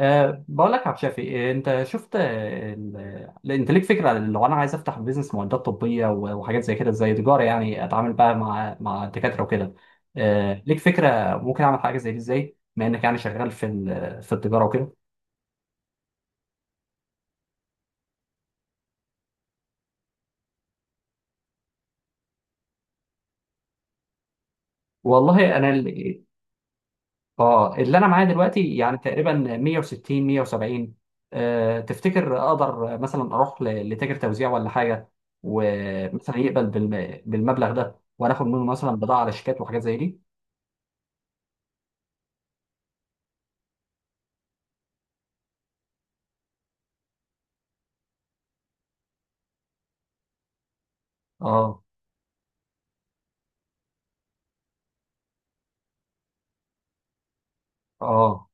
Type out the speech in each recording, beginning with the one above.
بقول لك يا عبد شافي، انت شفت، انت ليك فكره عن لو انا عايز افتح بيزنس معدات طبيه وحاجات زي كده زي تجاره، يعني اتعامل بقى مع دكاتره وكده. ليك فكره ممكن اعمل حاجه زي دي ازاي بما انك يعني شغال في التجاره وكده. والله انا ال- اه، اللي انا معايا دلوقتي يعني تقريبا 160 170. أه تفتكر اقدر مثلا اروح لتاجر توزيع ولا حاجه؟ ومثلا يقبل بالمبلغ ده وانا اخد منه مثلا بضاعه على شيكات وحاجات زي دي. اه. اه.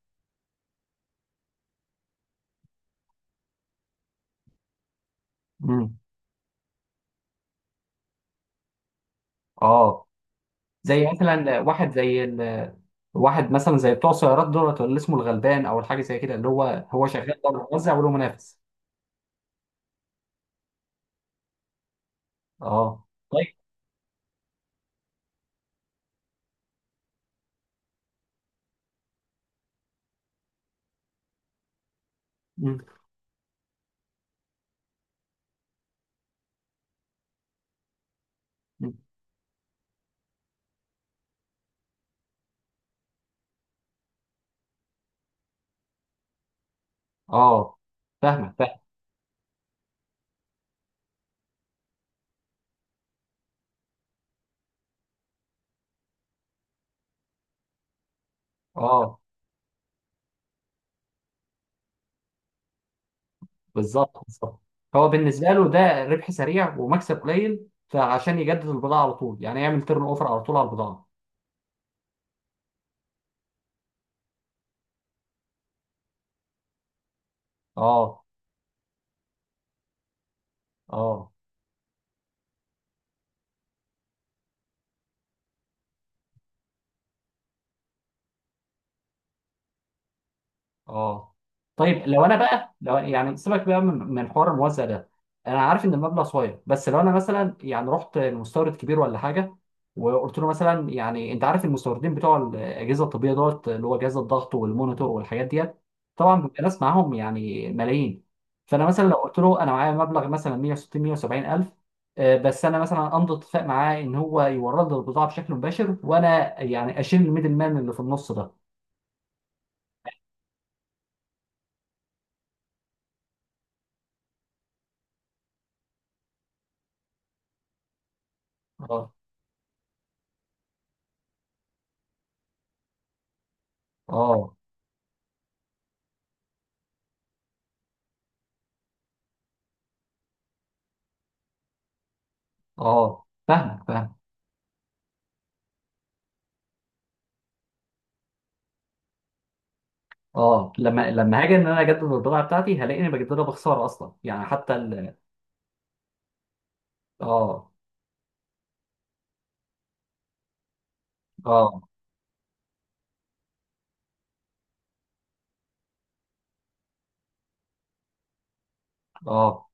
امم. اه. زي مثلا واحد مثلا زي بتوع السيارات دولت اللي اسمه الغلبان او الحاجه زي كده، اللي هو هو شغال بره موزع وله منافس. اه، طيب. مم. مم. اه، فاهمك فاهم. اه، بالظبط بالظبط. هو بالنسبه له ده ربح سريع ومكسب قليل، فعشان يجدد البضاعه على طول يعني يعمل تيرن اوفر على طول على البضاعه. اه. اه. اه، طيب. لو انا بقى، لو يعني سيبك بقى من حوار الموزع ده، انا عارف ان المبلغ صغير، بس لو انا مثلا يعني رحت لمستورد كبير ولا حاجه، وقلت له مثلا، يعني انت عارف المستوردين بتوع الاجهزه الطبيه دوت، اللي هو جهاز الضغط والمونيتور والحاجات ديت، طبعا بيبقى ناس معاهم يعني ملايين. فانا مثلا لو قلت له انا معايا مبلغ مثلا 160 170 الف، بس انا مثلا امضي اتفاق معاه ان هو يورد لي البضاعه بشكل مباشر، وانا يعني اشيل الميدل مان اللي في النص ده. اه. اه. اه، فاهمك فاهم. اه، لما هاجي ان انا اجدد البضاعه بتاعتي، هلاقيني بجددها بخساره اصلا، يعني حتى ال... اه. اه. اه.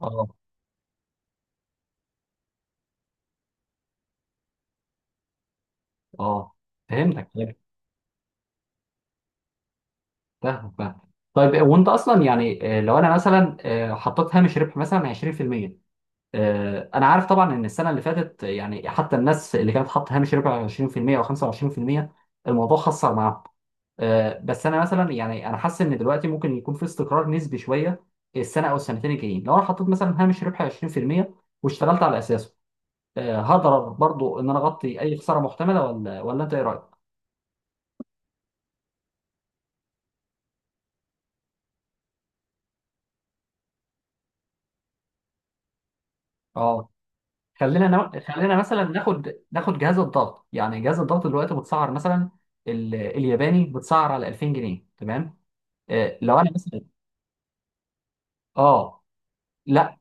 اه. اه، فهمتك فهمتك. فاهمك فاهم. طيب وانت اصلا يعني، لو انا مثلا حطيت هامش ربح مثلا 20%، انا عارف طبعا ان السنه اللي فاتت، يعني حتى الناس اللي كانت حاطه هامش ربح 20% او 25%، الموضوع خسر معاهم. بس انا مثلا يعني انا حاسس ان دلوقتي ممكن يكون في استقرار نسبي شويه السنه او السنتين الجايين. لو انا حطيت مثلا هامش ربح 20% واشتغلت على اساسه، هقدر برضو ان انا اغطي اي خساره محتمله ولا انت ايه رايك؟ اه. خلينا مثلا ناخد جهاز الضغط، يعني جهاز الضغط دلوقتي متسعر مثلا الياباني متسعر على 2000 جنيه تمام؟ لو انا مثلا. اه، لا.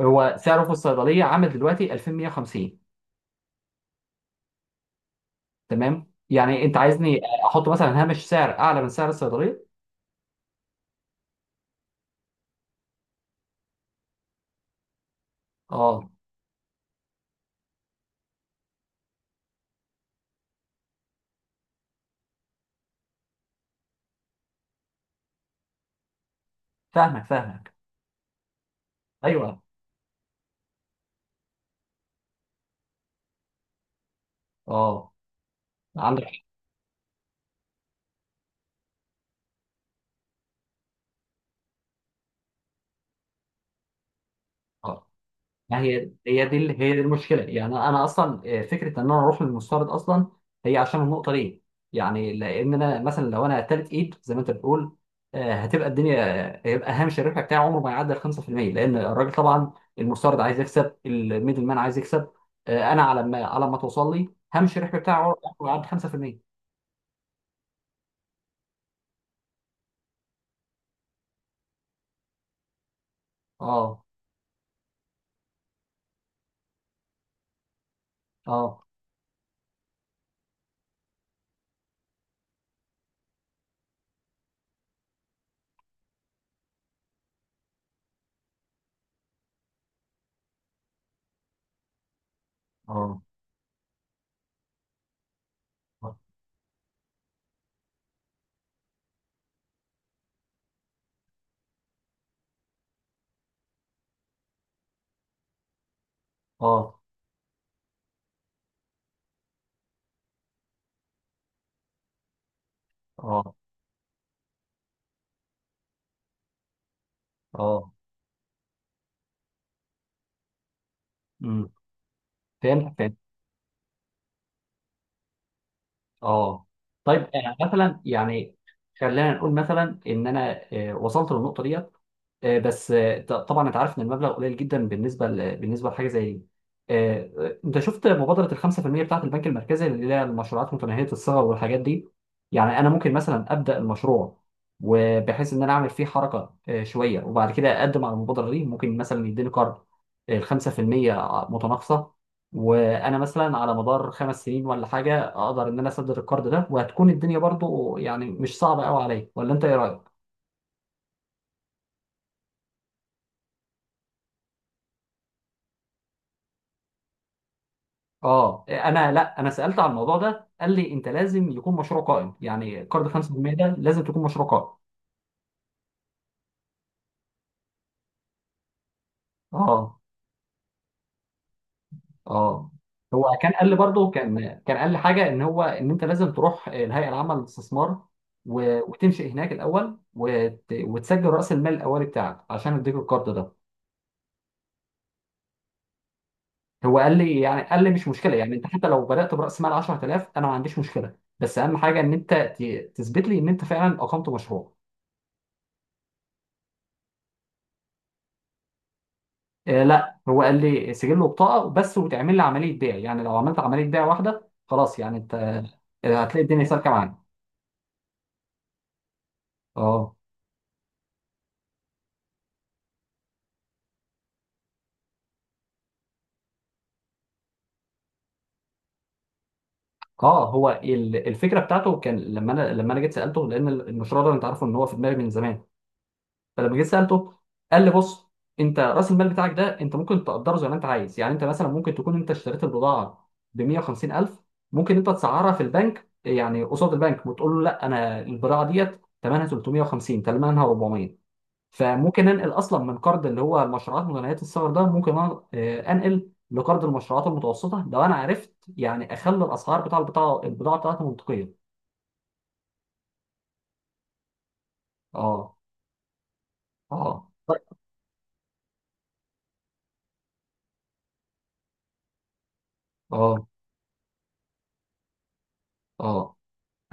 هو سعره في الصيدليه عامل دلوقتي 2150. تمام، يعني انت عايزني احط مثلا هامش سعر اعلى من سعر الصيدليه. اه، فاهمك فاهمك. ايوه. اه، عندك حق. اه، ما هي هي دي المشكله، يعني انا اصلا فكره ان انا اروح للمستورد اصلا هي عشان النقطه دي. يعني لان انا مثلا لو انا تالت ايد زي ما انت بتقول، هتبقى الدنيا، هيبقى هامش الربح بتاعي عمره ما يعدي ال 5%، لان الراجل طبعا المستورد عايز يكسب، الميدل مان عايز يكسب، انا على ما توصل لي هامش الربح بتاعي عمره ما يعدي 5%. اه. اه. اه. اه. اه. اه. اه. امم. فهمت فهمت. اه، طيب مثلا يعني خلينا نقول مثلا ان انا وصلت للنقطه ديت، طبعا انت عارف ان المبلغ قليل جدا بالنسبه بالنسبه لحاجه زي دي. انت شفت مبادره ال 5% بتاعت البنك المركزي، اللي هي المشروعات متناهيه الصغر والحاجات دي. يعني انا ممكن مثلا ابدا المشروع، وبحيث ان انا اعمل فيه حركه شويه، وبعد كده اقدم على المبادره دي، ممكن مثلا يديني قرض ال 5% متناقصه، وانا مثلا على مدار خمس سنين ولا حاجه اقدر ان انا اسدد القرض ده، وهتكون الدنيا برضو يعني مش صعبه قوي عليا، ولا انت ايه رايك؟ اه. انا لا، انا سالت على الموضوع ده قال لي انت لازم يكون مشروع قائم، يعني كارد 5% ده لازم تكون مشروع قائم. اه. اه. هو كان قال لي برضه، كان قال لي حاجه، ان هو ان انت لازم تروح الهيئه العامه للاستثمار، وتنشئ هناك الاول وتسجل راس المال الاولي بتاعك عشان اديك الكارد ده. هو قال لي يعني، قال لي مش مشكله، يعني انت حتى لو بدات براس مال 10000 انا ما عنديش مشكله، بس اهم حاجه ان انت تثبت لي ان انت فعلا اقمت مشروع. آه لا، هو قال لي سجل له بطاقه بس، وتعمل لي عمليه بيع، يعني لو عملت عمليه بيع واحده خلاص، يعني انت هتلاقي الدنيا سالكه معانا. اه. اه. هو الفكره بتاعته كان لما انا، لما انا جيت سالته، لان المشروع ده انت عارفه ان هو في دماغي من زمان، فلما جيت سالته قال لي بص، انت راس المال بتاعك ده انت ممكن تقدره زي ما انت عايز، يعني انت مثلا ممكن تكون انت اشتريت البضاعه ب 150000، ممكن انت تسعرها في البنك يعني قصاد البنك وتقول له لا، انا البضاعه ديت ثمنها 350 ثمنها 400، فممكن ننقل اصلا من قرض اللي هو المشروعات متناهيه الصغر ده، ممكن انقل لقرض المشروعات المتوسطه لو انا عرفت يعني اخلي الاسعار بتاع البضاعه، البضاعه بتاعتي منطقيه. اه. اه. اه. اه،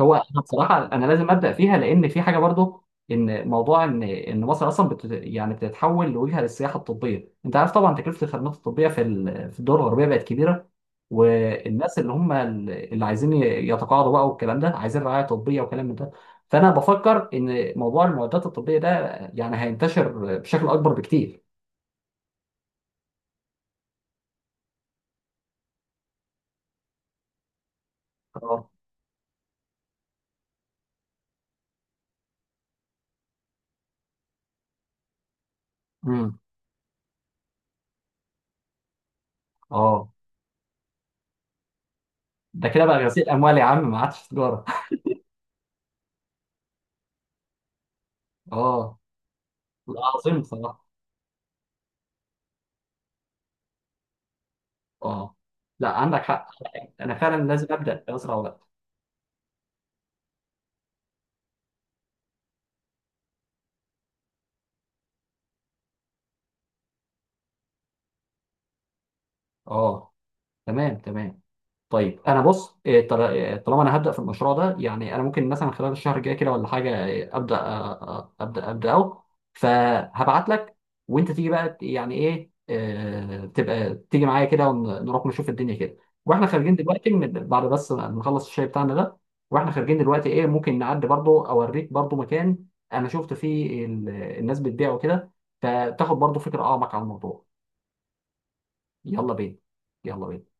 هو انا بصراحه انا لازم ابدا فيها، لان في حاجه برضو، ان موضوع ان مصر اصلا يعني بتتحول لوجهه للسياحه الطبيه. انت عارف طبعا تكلفه الخدمات الطبيه في الدول الغربيه بقت كبيره، والناس اللي هم اللي عايزين يتقاعدوا بقى والكلام ده، عايزين رعايه طبيه وكلام من ده. فانا بفكر ان موضوع المعدات الطبيه ده يعني هينتشر بشكل اكبر بكتير. اه. امم. اه، ده كده بقى غسيل اموال يا عم، ما عادش تجاره. اه. لا، عظيم. اه. لا، عندك حق. انا فعلا لازم ابدا باسرع وقت. اه. تمام تمام. طيب انا بص، إيه، طل- إيه، طالما انا هبدا في المشروع ده، يعني انا ممكن مثلا خلال الشهر الجاي كده ولا حاجه ابدا، ابدا ابداه، فهبعت لك. وانت تيجي بقى يعني، ايه آه، تبقى تيجي معايا كده ونروح نشوف الدنيا كده، واحنا خارجين دلوقتي من بعد بس ما نخلص الشاي بتاعنا ده. واحنا خارجين دلوقتي ايه، ممكن نعدي برضو اوريك برضو مكان انا شفت فيه الناس بتبيعه كده، فتاخد برضو فكره اعمق عن الموضوع. يلا بينا. يلا بينا.